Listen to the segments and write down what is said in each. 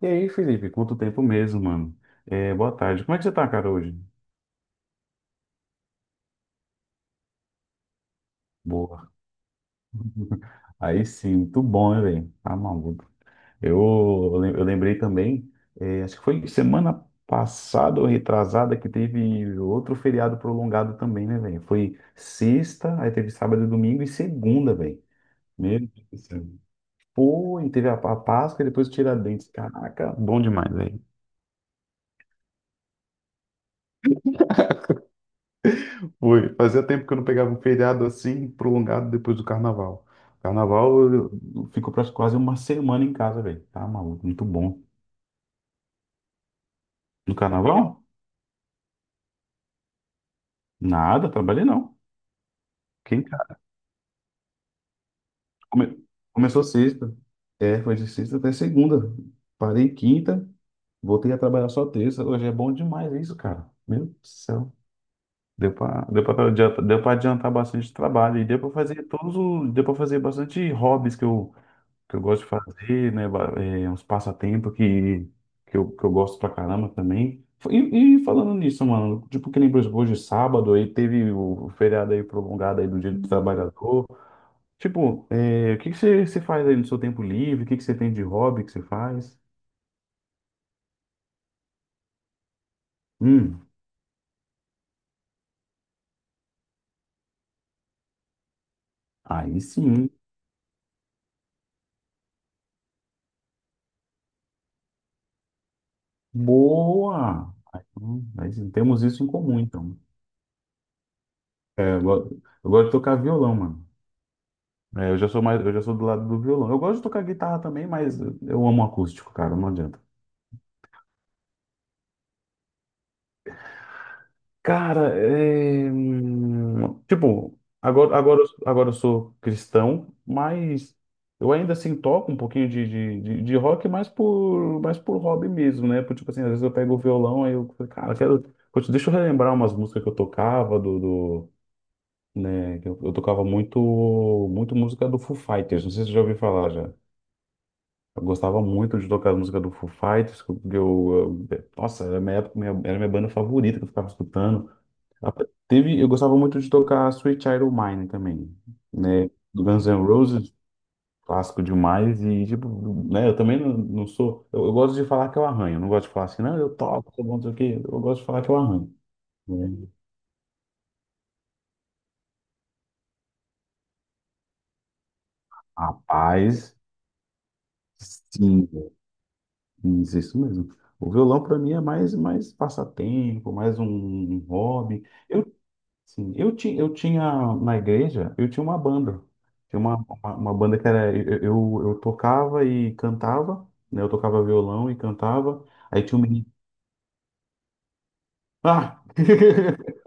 E aí, Felipe, quanto tempo mesmo, mano? É, boa tarde. Como é que você tá, cara, hoje? Boa. Aí sim, muito bom, né, velho? Tá maluco. Eu, eu lembrei também, é, acho que foi semana passada ou retrasada que teve outro feriado prolongado também, né, velho? Foi sexta, aí teve sábado e domingo e segunda, velho. Meu Deus do céu. Foi, teve a Páscoa e depois o Tiradentes. Caraca, bom demais, velho. Foi fazia tempo que eu não pegava um feriado assim prolongado depois do carnaval. Carnaval, eu fico quase uma semana em casa, velho. Tá maluco, muito bom. No carnaval? Nada, trabalhei não. Fiquei em Come- Começou sexta. É, foi de sexta até segunda. Parei quinta, voltei a trabalhar só terça. Hoje é bom demais isso, cara. Meu Deus do céu. Deu pra adiantar bastante trabalho e deu pra fazer bastante hobbies que eu gosto de fazer, né? É, uns passatempos que eu gosto pra caramba também. E falando nisso, mano, tipo, que nem por exemplo, hoje é sábado, aí teve o feriado aí prolongado aí do Dia do Trabalhador. Tipo, é, o que que você faz aí no seu tempo livre? O que que você tem de hobby que você faz? Hum, aí sim. Boa! Aí, aí sim, temos isso em comum, então. É, eu gosto de tocar violão, mano. É, eu já sou mais, eu já sou do lado do violão. Eu gosto de tocar guitarra também, mas eu amo acústico, cara, não adianta. Cara, tipo, agora eu sou cristão, mas eu ainda assim toco um pouquinho de rock, mais por hobby mesmo, né? Por, tipo assim, às vezes eu pego o violão aí eu, falo, cara, quero, putz, deixa eu relembrar umas músicas que eu tocava, né? Que eu tocava muito, muito música do Foo Fighters, não sei se você já ouviu falar já. Eu gostava muito de tocar as músicas do Foo Fighters, porque nossa, era minha época, era minha banda favorita que eu ficava escutando. A- Teve, eu gostava muito de tocar Sweet Child O' Mine também, né? Do Guns N' Roses, clássico demais, e tipo, né, eu também não, não sou, eu gosto de falar que eu arranho, eu não gosto de falar assim, não, eu toco, sou bom, não sei o quê, eu gosto de falar que eu arranho, né? Rapaz, sim, isso isso mesmo. O violão para mim é mais passatempo, mais um hobby. Sim, eu tinha na igreja, eu tinha uma banda. Tinha uma banda que era. Eu tocava e cantava, né? Eu tocava violão e cantava. Aí tinha um menino. Ah!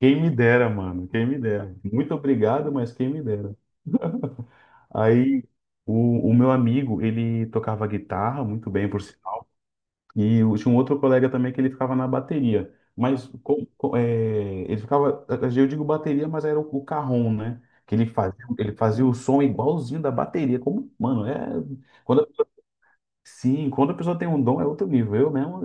Quem me dera, mano, quem me dera. Muito obrigado, mas quem me dera. Aí o meu amigo, ele tocava guitarra muito bem, por, si. E eu tinha um outro colega também que ele ficava na bateria. Mas ele ficava, eu digo bateria, mas era o carrom, né? Que ele fazia o som igualzinho da bateria. Como, mano, é. Quando a pessoa- sim, quando a pessoa tem um dom, é outro nível. Eu mesmo.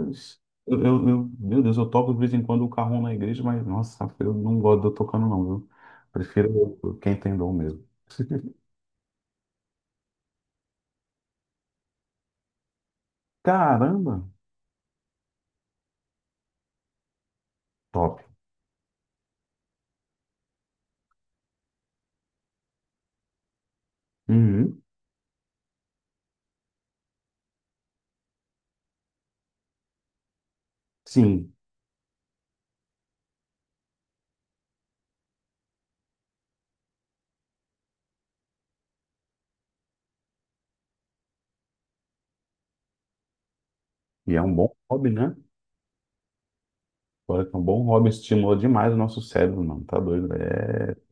Meu Deus, eu toco de vez em quando o carrom na igreja, mas nossa, eu não gosto de eu tocando, não, viu? Prefiro quem tem dom mesmo. Caramba! Top. Uhum, sim. E é um bom hobby, né? Olha que é um bom hobby estimula demais o nosso cérebro, mano. Tá doido, velho. É...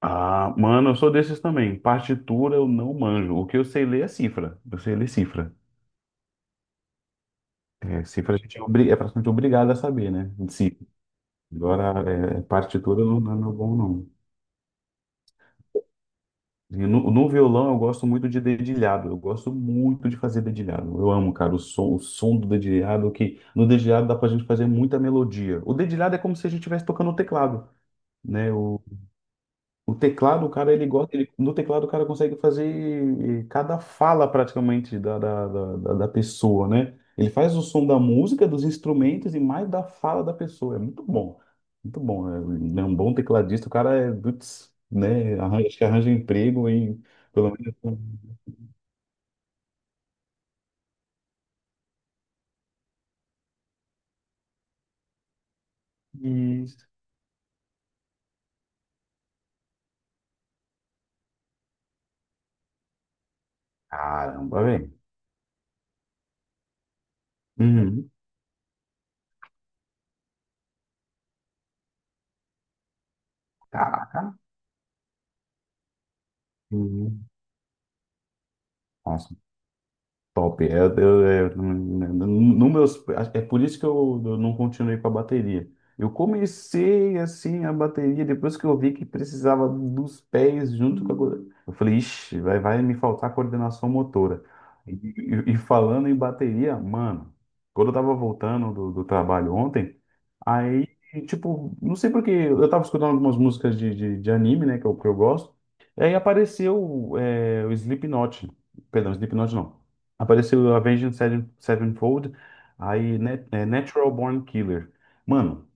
Ah, mano, eu sou desses também. Partitura eu não manjo. O que eu sei ler é cifra. Eu sei ler cifra. É, cifra a gente é praticamente obrigado a saber, né? Sim. Agora, partitura não, não é meu bom, não. E no violão eu gosto muito de dedilhado. Eu gosto muito de fazer dedilhado. Eu amo, cara, o som do dedilhado, que no dedilhado dá pra gente fazer muita melodia. O dedilhado é como se a gente estivesse tocando o teclado, né? O teclado, o cara, ele gosta, ele, no teclado o cara consegue fazer cada fala praticamente da pessoa, né? Ele faz o som da música, dos instrumentos e mais da fala da pessoa. É muito bom, muito bom. É um bom tecladista, o cara é, putz, né? Arranja, acho que arranja emprego e pelo menos. Isso. Caramba, velho. Uhum. Caraca. Uhum. Top. É, eu- é, no meus, é por isso que eu não continuei com a bateria. Eu comecei assim a bateria depois que eu vi que precisava dos pés junto Eu falei, ixi, vai me faltar coordenação motora. E falando em bateria, mano, quando eu tava voltando do trabalho ontem, aí, tipo, não sei porque eu tava escutando algumas músicas de anime, né, que eu gosto, e aí apareceu o Slipknot. Perdão, Slipknot não. Apareceu o Avenged Sevenfold, aí Natural Born Killer. Mano,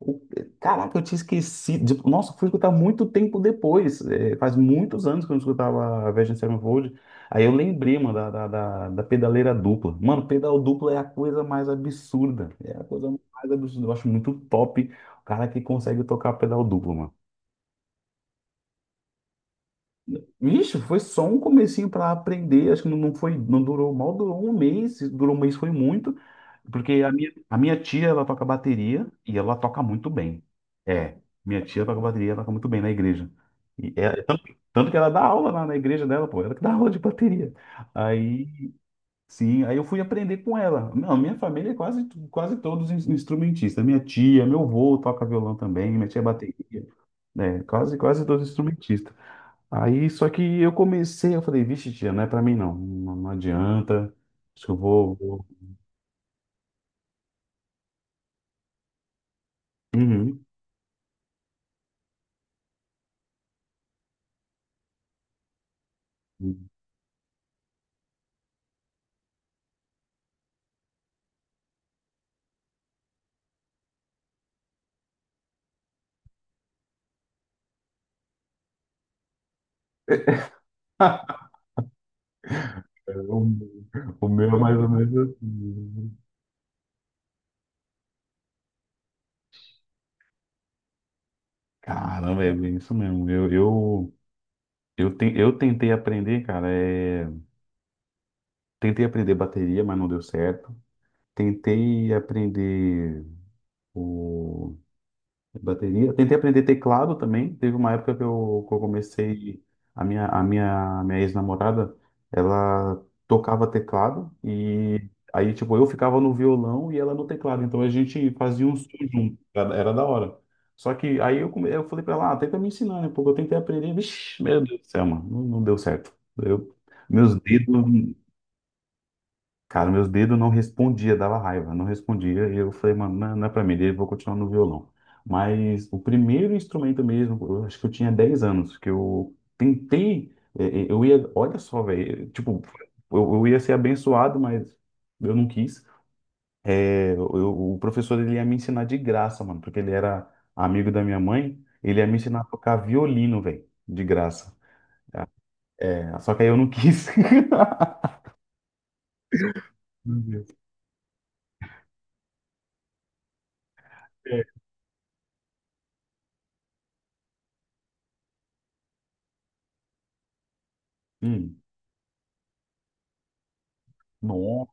o- caraca, eu tinha esquecido. Nossa, fui escutar muito tempo depois. É, faz muitos anos que eu não escutava Avenged Sevenfold. Aí eu lembrei, mano, da pedaleira dupla. Mano, pedal dupla é a coisa mais absurda. É a coisa mais absurda. Eu acho muito top o cara que consegue tocar pedal duplo, mano. Ixi, foi só um comecinho para aprender, acho que não não foi, não durou, mal durou um mês, se durou um mês foi muito, porque a minha tia, ela toca bateria e ela toca muito bem. É, minha tia toca bateria, ela toca muito bem na igreja. E é- Tanto que ela dá aula lá na igreja dela, pô, ela que dá aula de bateria. Aí, sim, aí eu fui aprender com ela. Não, minha família é quase, quase todos instrumentistas. Minha tia, meu avô toca violão também, minha tia é bateria, né? Quase, quase todos instrumentistas. Aí, só que eu comecei, eu falei, vixe, tia, não é pra mim não, não, não adianta, acho que eu vou. Uhum. O o meu é mais ou menos assim. Caramba, é bem isso mesmo. Eu tentei aprender, cara, tentei aprender bateria, mas não deu certo. Tentei aprender o bateria. Eu tentei aprender teclado também. Teve uma época que eu comecei. A minha ex-namorada, ela tocava teclado e aí, tipo, eu ficava no violão e ela no teclado. Então a gente fazia um som junto. Era da hora. Só que aí eu falei pra ela, ah, tenta me ensinar, né? Porque eu tentei aprender. Vixe, meu Deus do céu, mano. Não, não deu certo. Eu, meus dedos. Cara, meus dedos não respondia, dava raiva, não respondia. E eu falei, mano, não, não é pra mim, eu vou continuar no violão. Mas o primeiro instrumento mesmo, eu acho que eu tinha 10 anos, que eu tentei, eu ia, olha só, velho, tipo, eu ia ser abençoado, mas eu não quis. É, o professor ele ia me ensinar de graça, mano, porque ele era amigo da minha mãe, ele ia me ensinar a tocar violino, velho, de graça. É, só que aí eu não quis. Meu Deus. É. Hum, nossa.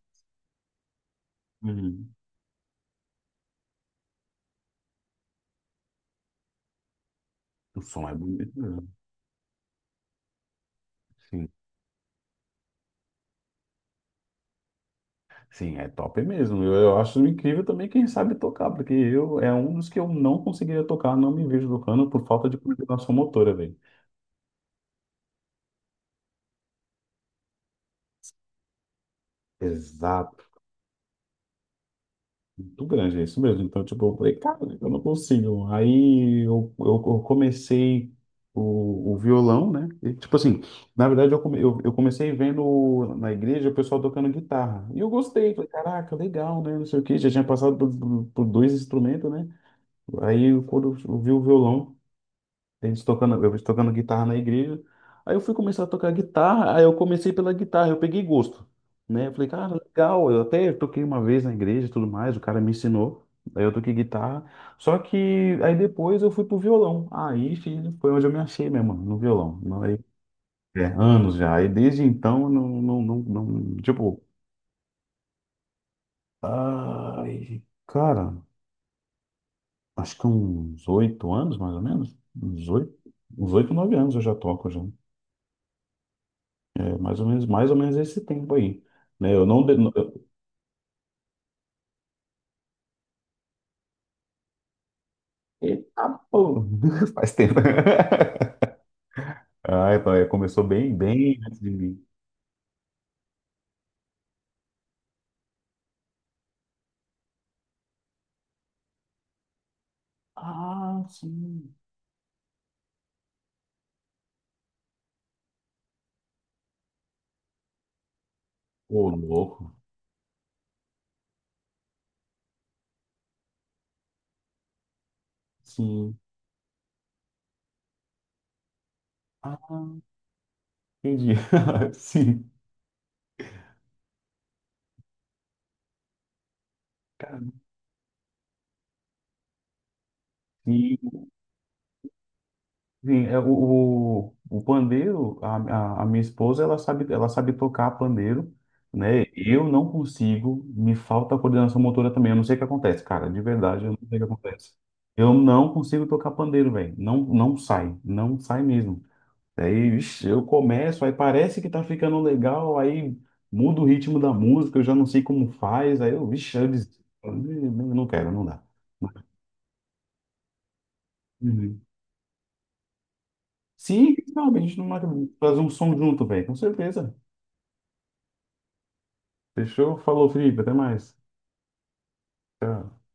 O som é bonito mesmo. Sim, sim, é top mesmo. Eu acho incrível também quem sabe tocar, porque eu é um dos que eu não conseguiria tocar, não me vejo tocando por falta de coordenação motora, velho. Exato. Muito grande, é isso mesmo. Então, tipo, eu falei, cara, eu não consigo. Aí eu comecei o violão, né? E, tipo assim, na verdade, eu comecei vendo na igreja o pessoal tocando guitarra. E eu gostei, falei, caraca, legal, né? Não sei o quê. Já tinha passado por, por dois instrumentos, né? Aí quando eu vi o violão, eles tocando, eu tocando guitarra na igreja, aí eu fui começar a tocar guitarra, aí eu comecei pela guitarra, eu peguei gosto, né? Eu falei, cara, legal, eu até toquei uma vez na igreja e tudo mais, o cara me ensinou, aí eu toquei guitarra, só que aí depois eu fui pro violão, aí filho, foi onde eu me achei mesmo, no violão. Não, aí, é, anos já, aí desde então, não, não, não, tipo, ai, cara, acho que uns 8 anos, mais ou menos. Uns oito, 9 anos eu já toco já. É mais ou menos esse tempo aí. Né, eu não. Eita, pô! Faz tempo. Ai, pai, começou bem, bem antes de mim. Ah, sim. Ô, louco. Sim. Ah, entendi. Sim. Cara, sim. Sim, é, o pandeiro, a minha esposa, ela sabe tocar pandeiro, né? Eu não consigo, me falta coordenação motora também. Eu não sei o que acontece, cara, de verdade, eu não sei o que acontece. Eu não consigo tocar pandeiro, velho. Não, não sai, não sai mesmo. Aí, ixi, eu começo, aí parece que tá ficando legal, aí muda o ritmo da música, eu já não sei como faz, aí eu, vixe, eu desisto. Eu não quero, não dá. Uhum. Sim, sabe, a gente não vai fazer um som junto, velho, com certeza. Fechou? Falou, Felipe. Até mais. Tchau.